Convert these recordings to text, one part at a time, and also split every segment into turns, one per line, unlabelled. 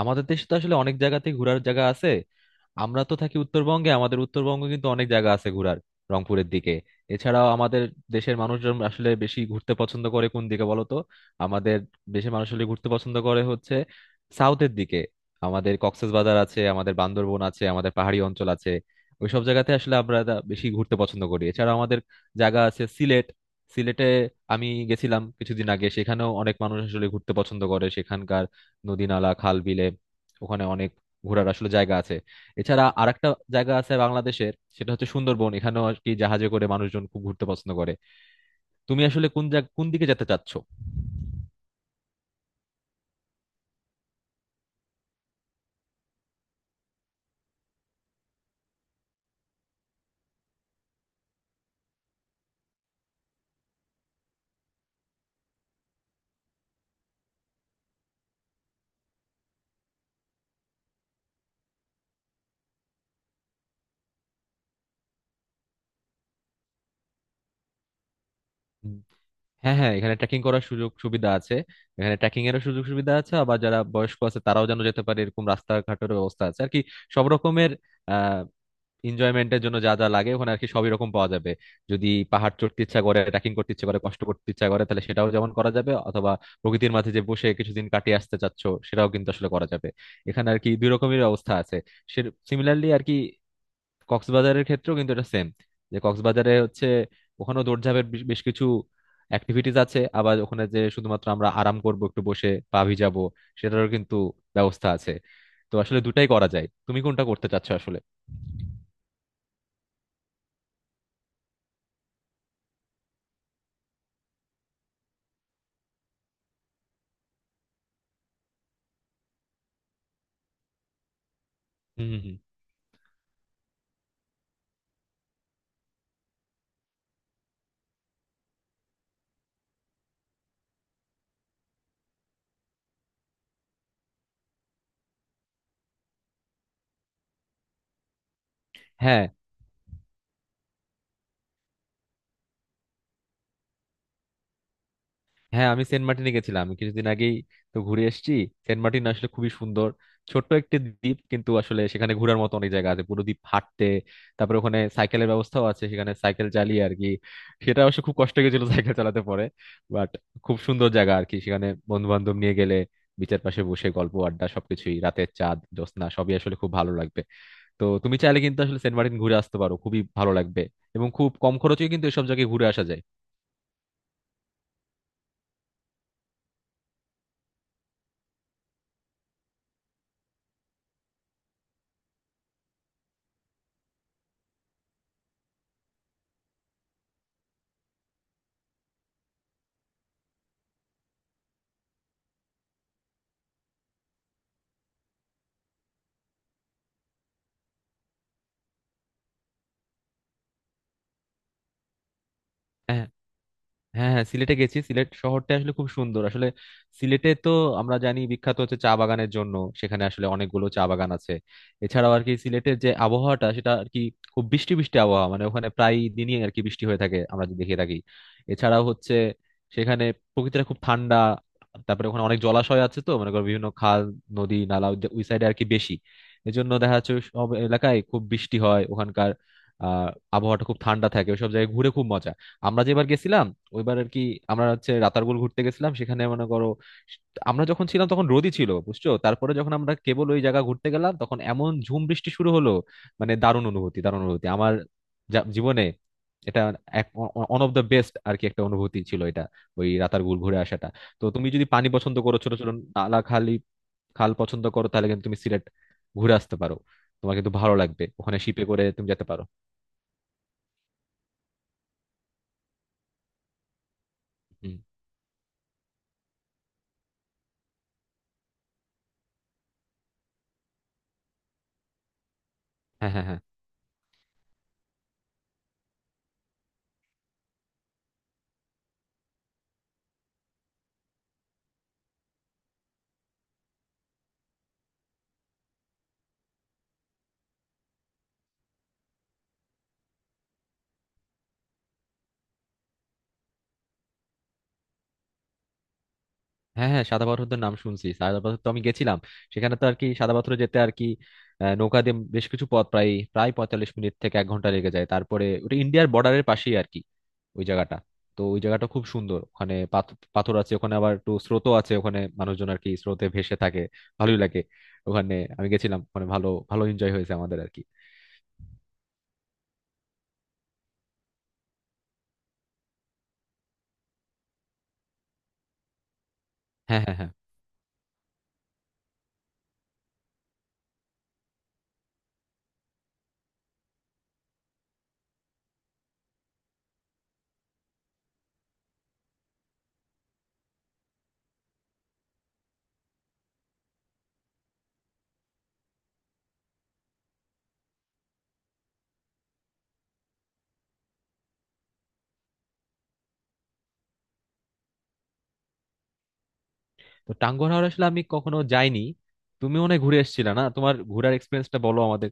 আমাদের দেশে তো আসলে অনেক জায়গাতেই ঘোরার জায়গা আছে। আমরা তো থাকি উত্তরবঙ্গে, আমাদের উত্তরবঙ্গে কিন্তু অনেক জায়গা আছে ঘোরার, রংপুরের দিকে। এছাড়াও আমাদের দেশের মানুষজন আসলে বেশি ঘুরতে পছন্দ করে কোন দিকে বলো তো? আমাদের দেশের মানুষ আসলে ঘুরতে পছন্দ করে হচ্ছে সাউথের দিকে। আমাদের কক্সবাজার আছে, আমাদের বান্দরবন আছে, আমাদের পাহাড়ি অঞ্চল আছে। ওইসব জায়গাতে আসলে আমরা তা বেশি ঘুরতে পছন্দ করি। এছাড়া আমাদের জায়গা আছে সিলেট। সিলেটে আমি গেছিলাম কিছুদিন আগে, সেখানেও অনেক মানুষ আসলে ঘুরতে পছন্দ করে সেখানকার নদী নালা খাল বিলে। ওখানে অনেক ঘোরার আসলে জায়গা আছে। এছাড়া আরেকটা জায়গা আছে বাংলাদেশের, সেটা হচ্ছে সুন্দরবন। এখানেও আর কি জাহাজে করে মানুষজন খুব ঘুরতে পছন্দ করে। তুমি আসলে কোন জায়গা কোন দিকে যেতে চাচ্ছো? হ্যাঁ হ্যাঁ, এখানে ট্রেকিং করার সুযোগ সুবিধা আছে। এখানে ট্রেকিং এরও সুযোগ সুবিধা আছে, আবার যারা বয়স্ক আছে তারাও যেন যেতে পারে এরকম রাস্তাঘাটের ব্যবস্থা আছে আর কি। সব রকমের আহ এনজয়মেন্টের জন্য যা যা লাগে ওখানে আর কি সবই রকম পাওয়া যাবে। যদি পাহাড় চড়তে ইচ্ছা করে, ট্রেকিং করতে ইচ্ছা করে, কষ্ট করতে ইচ্ছা করে, তাহলে সেটাও যেমন করা যাবে, অথবা প্রকৃতির মাঝে যে বসে কিছুদিন কাটিয়ে আসতে চাচ্ছ, সেটাও কিন্তু আসলে করা যাবে। এখানে আর কি দুই রকমের অবস্থা আছে। সে সিমিলারলি আর কি, কক্সবাজারের ক্ষেত্রেও কিন্তু এটা সেম। যে কক্সবাজারে হচ্ছে, ওখানেও দৌড়ঝাঁপের বেশ বেশ কিছু অ্যাক্টিভিটিস আছে, আবার ওখানে যে শুধুমাত্র আমরা আরাম করব একটু বসে পা ভিজাবো, সেটারও কিন্তু ব্যবস্থা আছে। তো আসলে দুটাই করা যায়, তুমি কোনটা করতে চাচ্ছো আসলে? হুম হুম হুম। হ্যাঁ হ্যাঁ, আমি সেন্ট মার্টিনে গেছিলাম, আমি কিছুদিন আগেই তো ঘুরে এসেছি। সেন্ট মার্টিন আসলে খুবই সুন্দর, ছোট্ট একটি দ্বীপ, কিন্তু আসলে সেখানে ঘোরার মতো অনেক জায়গা আছে। পুরো দ্বীপ হাঁটতে, তারপরে ওখানে সাইকেলের ব্যবস্থাও আছে, সেখানে সাইকেল চালিয়ে আর কি। সেটা অবশ্য খুব কষ্ট হয়েছিল সাইকেল চালাতে পরে, বাট খুব সুন্দর জায়গা আর কি। সেখানে বন্ধু বান্ধব নিয়ে গেলে বিচের পাশে বসে গল্প আড্ডা সবকিছুই, রাতের চাঁদ জ্যোৎস্না, সবই আসলে খুব ভালো লাগবে। তো তুমি চাইলে কিন্তু আসলে সেন্ট মার্টিন ঘুরে আসতে পারো, খুবই ভালো লাগবে। এবং খুব কম খরচে কিন্তু এসব জায়গায় ঘুরে আসা যায়। হ্যাঁ হ্যাঁ হ্যাঁ সিলেটে গেছি সিলেট শহরটা আসলে খুব সুন্দর আসলে সিলেটে তো আমরা জানি বিখ্যাত হচ্ছে চা বাগানের জন্য সেখানে আসলে অনেকগুলো চা বাগান আছে এছাড়াও আর কি সিলেটের যে আবহাওয়াটা সেটা আর কি খুব বৃষ্টি বৃষ্টি আবহাওয়া মানে ওখানে প্রায় দিনই আর কি বৃষ্টি হয়ে থাকে আমরা যদি দেখে থাকি এছাড়াও হচ্ছে সেখানে প্রকৃতিটা খুব ঠান্ডা তারপরে ওখানে অনেক জলাশয় আছে তো মনে করো বিভিন্ন খাল নদী নালা ওই ওই সাইডে আর কি বেশি এজন্য দেখা যাচ্ছে ওই সব এলাকায় খুব বৃষ্টি হয় ওখানকার আহ আবহাওয়াটা খুব ঠান্ডা থাকে ওইসব জায়গায় ঘুরে খুব মজা আমরা যেবার গেছিলাম ওইবার আর কি আমরা হচ্ছে রাতারগুল ঘুরতে গেছিলাম সেখানে মনে করো আমরা যখন ছিলাম তখন রোদই ছিল বুঝছো তারপরে যখন আমরা কেবল ওই জায়গা ঘুরতে গেলাম তখন এমন ঝুম বৃষ্টি শুরু হলো মানে দারুণ অনুভূতি দারুণ অনুভূতি আমার যা- জীবনে এটা এক ওয়ান অফ দ্য বেস্ট আর কি একটা অনুভূতি ছিল এটা ওই রাতারগুল ঘুরে আসাটা তো তুমি যদি পানি পছন্দ করো ছোট ছোট নালা খালি খাল পছন্দ করো তাহলে কিন্তু তুমি সিলেট ঘুরে আসতে পারো তোমার কিন্তু ভালো লাগবে ওখানে শিপে করে তুমি যেতে পারো হুম। হ্যাঁ হ্যাঁ হ্যাঁ, হ্যাঁ হ্যাঁ, সাদা পাথরদের নাম শুনছি। সাদা পাথর তো আমি গেছিলাম। সেখানে তো আর কি সাদা পাথরে যেতে আর কি নৌকা দিয়ে বেশ কিছু পথ, প্রায় প্রায় 45 মিনিট থেকে এক ঘন্টা লেগে যায়। তারপরে ওটা ইন্ডিয়ার বর্ডারের পাশেই আর কি ওই জায়গাটা। তো ওই জায়গাটা খুব সুন্দর, ওখানে পাথর আছে, ওখানে আবার একটু স্রোতও আছে, ওখানে মানুষজন আর কি স্রোতে ভেসে থাকে। ভালোই লাগে, ওখানে আমি গেছিলাম, ওখানে ভালো ভালো এনজয় হয়েছে আমাদের আর কি। হ্যাঁ হ্যাঁ হ্যাঁ। তো টাঙ্গুয়ার হাওর আসলে আমি কখনো যাইনি। তুমি মনে হয় ঘুরে এসেছিলে না? তোমার ঘোরার এক্সপিরিয়েন্সটা বলো আমাদের।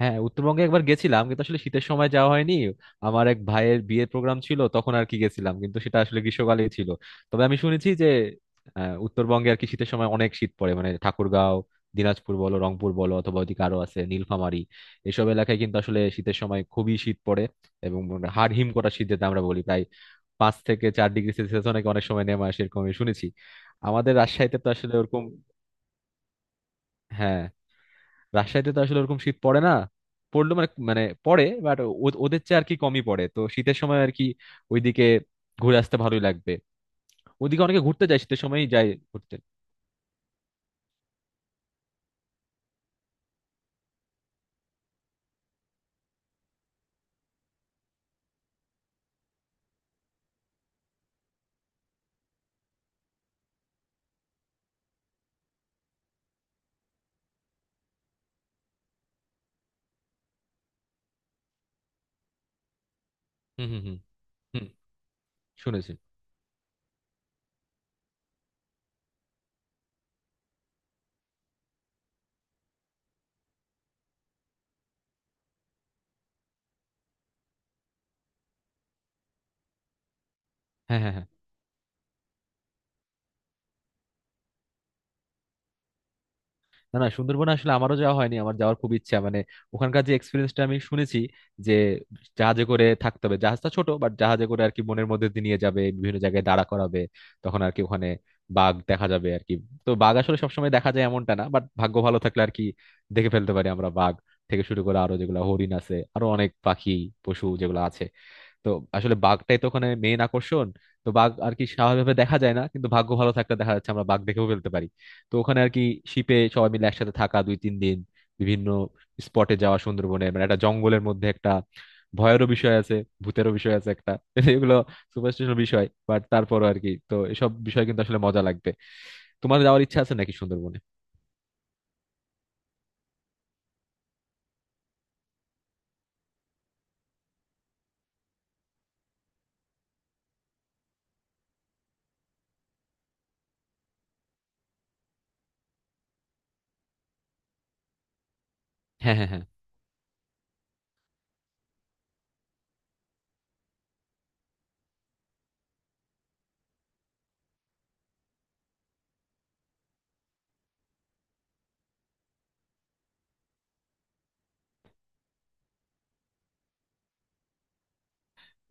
হ্যাঁ, উত্তরবঙ্গে একবার গেছিলাম, কিন্তু আসলে শীতের সময় যাওয়া হয়নি। আমার এক ভাইয়ের বিয়ের প্রোগ্রাম ছিল তখন আর কি গেছিলাম, কিন্তু সেটা আসলে গ্রীষ্মকালে ছিল। তবে আমি শুনেছি যে উত্তরবঙ্গে আর কি শীতের সময় অনেক শীত পড়ে, মানে ঠাকুরগাঁও, দিনাজপুর বলো, রংপুর বলো, অথবা ওইদিকে আরো আছে নীলফামারী, এসব এলাকায় কিন্তু আসলে শীতের সময় খুবই শীত পড়ে, এবং মানে হাড় হিম করা শীত যেটা আমরা বলি, প্রায় 5 থেকে 4 ডিগ্রি সেলসিয়াস অনেক অনেক সময় নেমে আসে এরকম আমি শুনেছি। আমাদের রাজশাহীতে তো আসলে ওরকম, হ্যাঁ, রাজশাহীতে তো আসলে ওরকম শীত পড়ে না। পড়লো মানে মানে পড়ে, বাট ওদের চেয়ে আর কি কমই পড়ে। তো শীতের সময় আর কি ওইদিকে ঘুরে আসতে ভালোই লাগবে, ওইদিকে অনেকে ঘুরতে যায়, শীতের সময়ই যায় ঘুরতে। হুম হুম হুম হুম। শুনেছি। হ্যাঁ হ্যাঁ হ্যাঁ। না না, সুন্দরবনে আসলে আমারও যাওয়া হয়নি, আমার যাওয়ার খুব ইচ্ছা। মানে ওখানকার যে এক্সপিরিয়েন্সটা আমি শুনেছি, যে জাহাজে করে থাকতে হবে, জাহাজটা ছোট, বাট জাহাজে করে আর কি বনের মধ্যে দিয়ে নিয়ে যাবে, বিভিন্ন জায়গায় দাঁড়া করাবে, তখন আর কি ওখানে বাঘ দেখা যাবে আর কি। তো বাঘ আসলে সবসময় দেখা যায় এমনটা না, বাট ভাগ্য ভালো থাকলে আর কি দেখে ফেলতে পারি আমরা। বাঘ থেকে শুরু করে আরো যেগুলো হরিণ আছে, আরো অনেক পাখি পশু যেগুলো আছে। তো আসলে বাঘটাই তো ওখানে মেইন আকর্ষণ। তো বাঘ আর কি স্বাভাবিকভাবে দেখা যায় না, কিন্তু ভাগ্য ভালো থাকলে দেখা যাচ্ছে আমরা বাঘ দেখেও ফেলতে পারি। তো ওখানে আর কি শিপে সবাই মিলে একসাথে থাকা, দুই তিন দিন বিভিন্ন স্পটে যাওয়া, সুন্দরবনে মানে একটা জঙ্গলের মধ্যে একটা ভয়েরও বিষয় আছে, ভূতেরও বিষয় আছে একটা এগুলো সুপারস্টিশনাল বিষয়, বাট তারপরও আর কি, তো এসব বিষয় কিন্তু আসলে মজা লাগবে। তোমার যাওয়ার ইচ্ছা আছে নাকি সুন্দরবনে? হ্যাঁ হ্যাঁ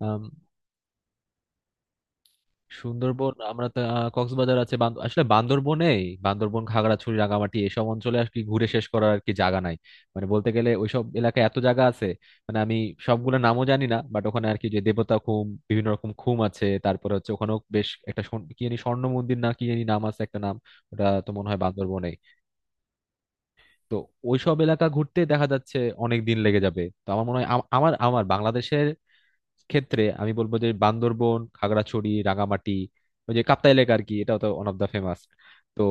হ্যাঁ, সুন্দরবন আমরা তো, কক্সবাজার আছে, আসলে বান্দরবনে, বান্দরবন, খাগড়াছড়ি, রাঙামাটি, এসব অঞ্চলে আর কি ঘুরে শেষ করার আর কি জায়গা নাই। মানে বলতে গেলে ওইসব এলাকায় এত জায়গা আছে, মানে আমি সবগুলো নামও জানি না, বাট ওখানে আর কি যে দেবতা খুম, বিভিন্ন রকম খুম আছে, তারপরে হচ্ছে ওখানেও বেশ একটা কি জানি, স্বর্ণ মন্দির না কি জানি নাম আছে একটা নাম, ওটা তো মনে হয় বান্দরবনে। তো ওইসব এলাকা ঘুরতে দেখা যাচ্ছে অনেক দিন লেগে যাবে। তো আমার মনে হয় আম- আমার আমার বাংলাদেশের ক্ষেত্রে আমি বলবো যে বান্দরবন, খাগড়াছড়ি, রাঙামাটি, ওই যে কাপ্তাই এলাকা আর কি, এটা তো ওয়ান অফ দা ফেমাস। তো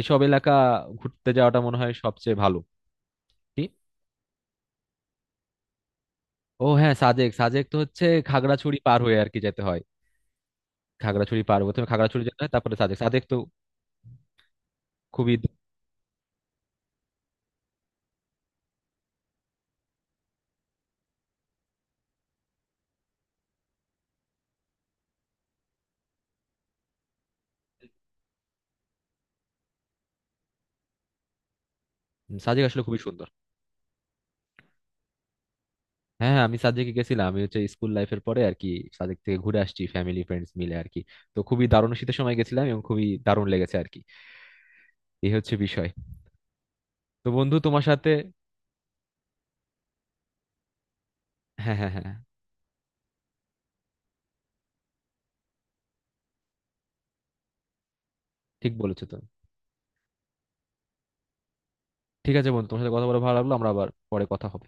এসব এলাকা ঘুরতে যাওয়াটা মনে হয় সবচেয়ে ভালো। কি? ও হ্যাঁ, সাজেক, সাজেক তো হচ্ছে খাগড়াছড়ি পার হয়ে আর কি যেতে হয়। খাগড়াছড়ি পার হয়ে প্রথমে খাগড়াছড়ি যেতে হয়, তারপরে সাজেক। সাজেক তো খুবই, সাজেক আসলে খুবই সুন্দর। হ্যাঁ হ্যাঁ, আমি সাজেকে গেছিলাম, আমি হচ্ছে স্কুল লাইফের পরে আর কি সাজেক থেকে ঘুরে আসছি, ফ্যামিলি ফ্রেন্ডস মিলে আর কি। তো খুবই দারুণ, শীতের সময় গেছিলাম এবং খুবই দারুণ লেগেছে আর কি, এই হচ্ছে বিষয়। তো বন্ধু তোমার সাথে, হ্যাঁ হ্যাঁ হ্যাঁ হ্যাঁ। ঠিক বলেছো তুমি। ঠিক আছে বন্ধু, তোমার সাথে কথা বলে ভালো লাগলো, আমরা আবার পরে কথা হবে।